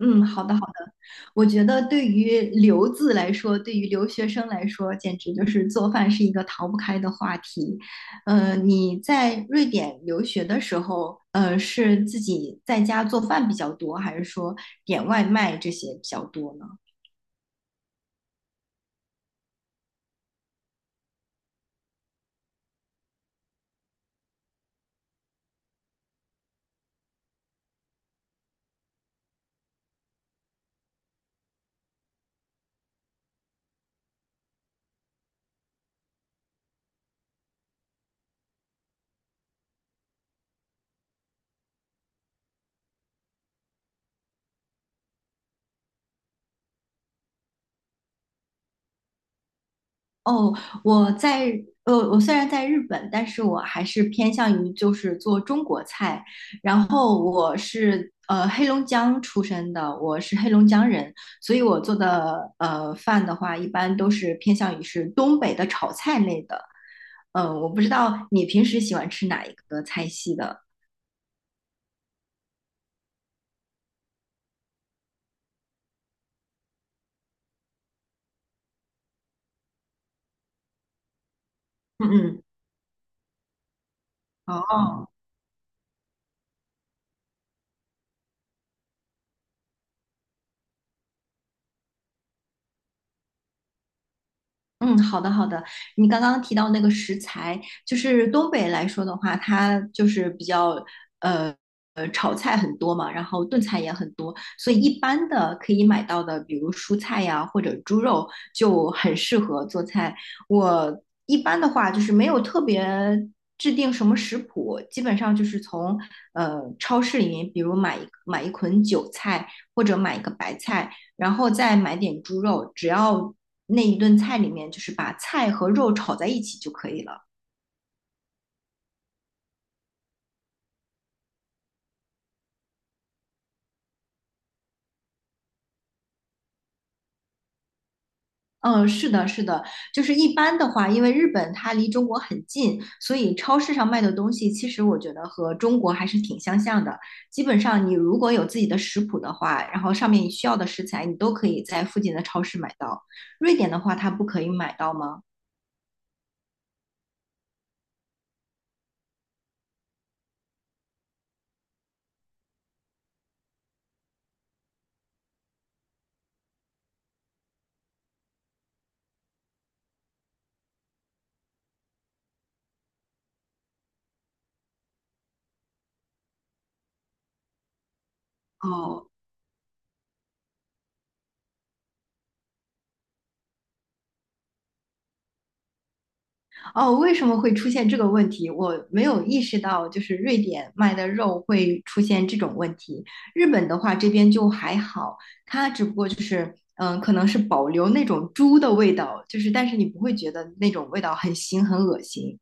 嗯，好的好的。我觉得对于留子来说，对于留学生来说，简直就是做饭是一个逃不开的话题。你在瑞典留学的时候，是自己在家做饭比较多，还是说点外卖这些比较多呢？哦，我在我虽然在日本，但是我还是偏向于就是做中国菜。然后我是黑龙江出生的，我是黑龙江人，所以我做的饭的话，一般都是偏向于是东北的炒菜类的。嗯、我不知道你平时喜欢吃哪一个菜系的。嗯嗯。哦。嗯，好的好的。你刚刚提到那个食材，就是东北来说的话，它就是比较呃炒菜很多嘛，然后炖菜也很多，所以一般的可以买到的，比如蔬菜呀或者猪肉，就很适合做菜。我一般的话就是没有特别制定什么食谱，基本上就是从超市里面，比如买一捆韭菜或者买一个白菜。然后再买点猪肉，只要那一顿菜里面就是把菜和肉炒在一起就可以了。嗯，是的，是的，就是一般的话，因为日本它离中国很近，所以超市上卖的东西，其实我觉得和中国还是挺相像的。基本上，你如果有自己的食谱的话，然后上面你需要的食材，你都可以在附近的超市买到。瑞典的话，它不可以买到吗？哦。哦，为什么会出现这个问题？我没有意识到，就是瑞典卖的肉会出现这种问题。日本的话，这边就还好，它只不过就是，嗯，可能是保留那种猪的味道，就是，但是你不会觉得那种味道很腥很恶心。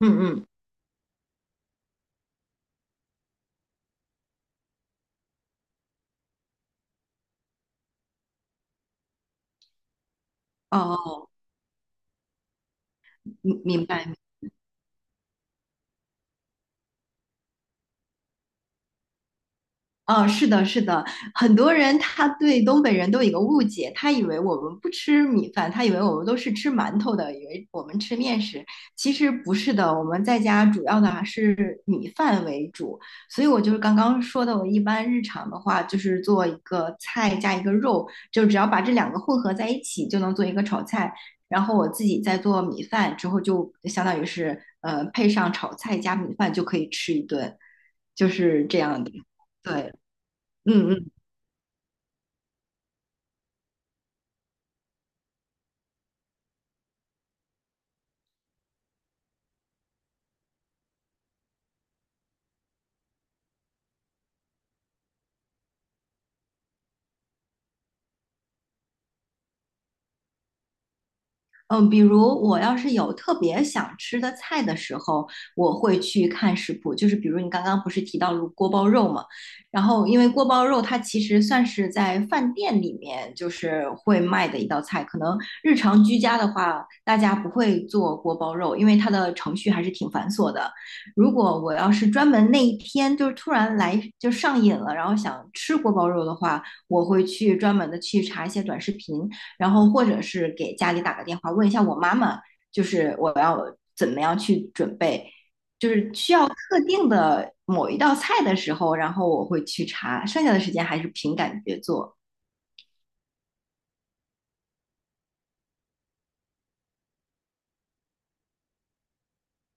嗯嗯。哦，明明白。哦，是的，是的，很多人他对东北人都有一个误解，他以为我们不吃米饭，他以为我们都是吃馒头的，以为我们吃面食。其实不是的，我们在家主要的还是米饭为主。所以我就是刚刚说的，我一般日常的话就是做一个菜加一个肉，就只要把这两个混合在一起，就能做一个炒菜。然后我自己再做米饭之后，就相当于是配上炒菜加米饭就可以吃一顿，就是这样的。对，嗯嗯嗯，比如我要是有特别想吃的菜的时候，我会去看食谱。就是比如你刚刚不是提到了锅包肉嘛，然后因为锅包肉它其实算是在饭店里面就是会卖的一道菜，可能日常居家的话，大家不会做锅包肉，因为它的程序还是挺繁琐的。如果我要是专门那一天就是突然来就上瘾了，然后想吃锅包肉的话，我会去专门的去查一些短视频。然后或者是给家里打个电话问一下我妈妈，就是我要怎么样去准备，就是需要特定的某一道菜的时候，然后我会去查，剩下的时间还是凭感觉做。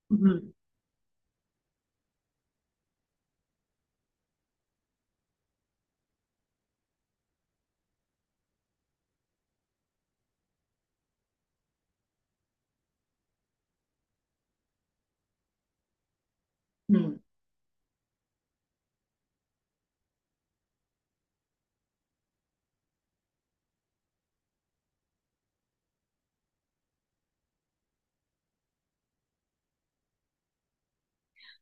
嗯嗯。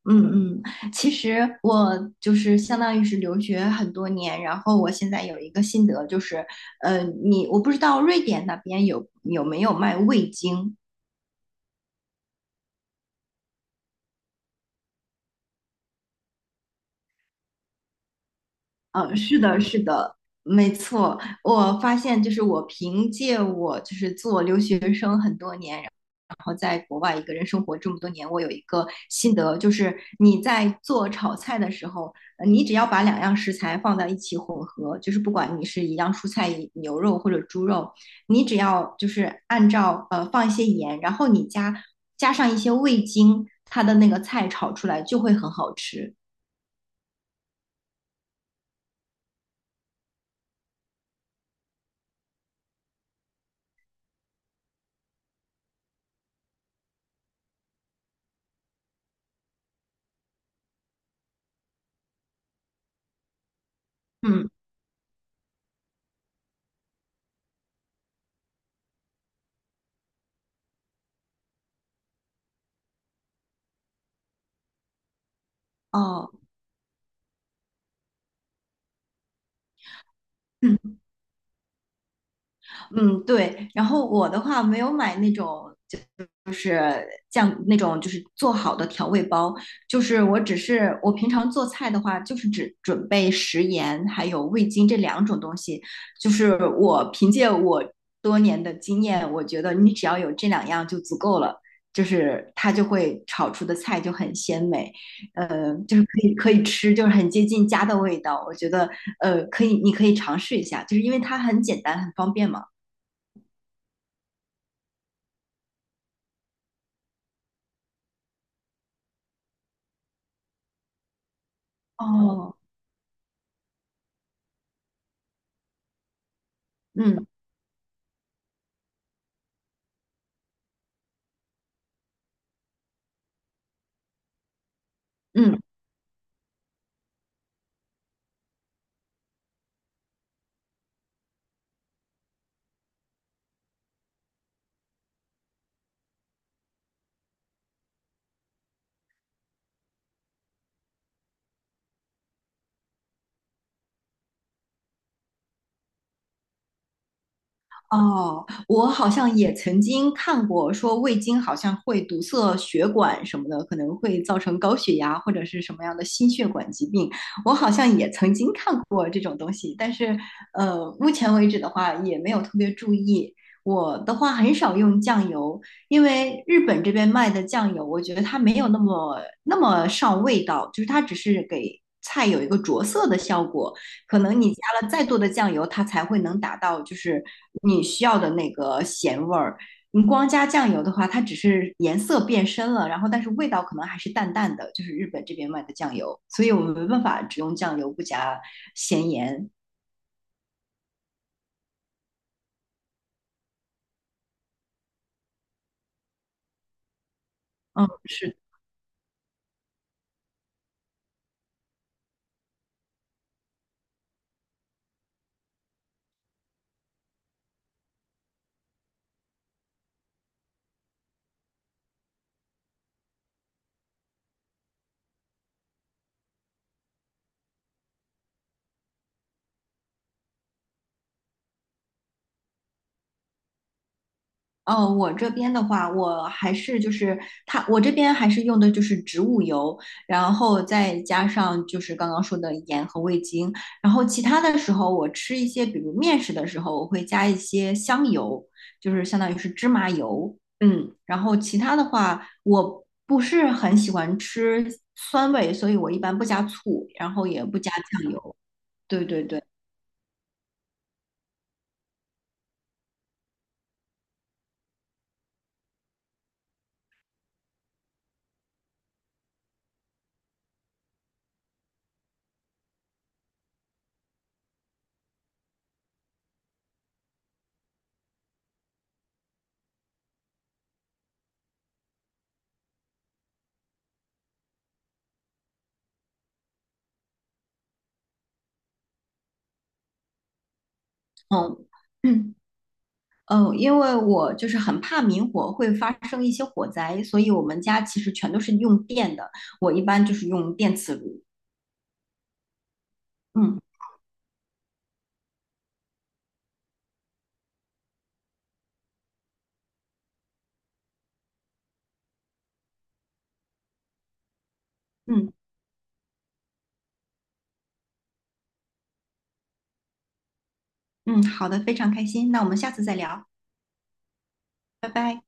嗯嗯，其实我就是相当于是留学很多年，然后我现在有一个心得，就是，你我不知道瑞典那边有没有卖味精。嗯，是的，是的，没错。我发现，就是我凭借我就是做留学生很多年，然后在国外一个人生活这么多年，我有一个心得，就是你在做炒菜的时候，你只要把两样食材放在一起混合，就是不管你是一样蔬菜、牛肉或者猪肉，你只要就是按照放一些盐，然后加上一些味精，它的那个菜炒出来就会很好吃。嗯，哦。嗯，对。然后我的话没有买那种酱，那种就是做好的调味包，就是我只是我平常做菜的话，就是只准备食盐还有味精这两种东西。就是我凭借我多年的经验，我觉得你只要有这两样就足够了，就是它就会炒出的菜就很鲜美，就是可以吃，就是很接近家的味道。我觉得可以，你可以尝试一下，就是因为它很简单很方便嘛。哦，嗯。嗯，哦，我好像也曾经看过，说味精好像会堵塞血管什么的，可能会造成高血压或者是什么样的心血管疾病。我好像也曾经看过这种东西，但是目前为止的话也没有特别注意。我的话很少用酱油，因为日本这边卖的酱油，我觉得它没有那么上味道，就是它只是给菜有一个着色的效果。可能你加了再多的酱油，它才会能达到就是你需要的那个咸味儿。你光加酱油的话，它只是颜色变深了，然后但是味道可能还是淡淡的，就是日本这边卖的酱油，所以我们没办法只用酱油不加咸盐。嗯，是哦，我这边的话，我还是就是它，我这边还是用的就是植物油，然后再加上就是刚刚说的盐和味精，然后其他的时候我吃一些，比如面食的时候，我会加一些香油，就是相当于是芝麻油，嗯，然后其他的话，我不是很喜欢吃酸味，所以我一般不加醋，然后也不加酱油，对对对，嗯，嗯。嗯，因为我就是很怕明火会发生一些火灾，所以我们家其实全都是用电的。我一般就是用电磁炉。嗯嗯嗯，好的，非常开心。那我们下次再聊，拜拜。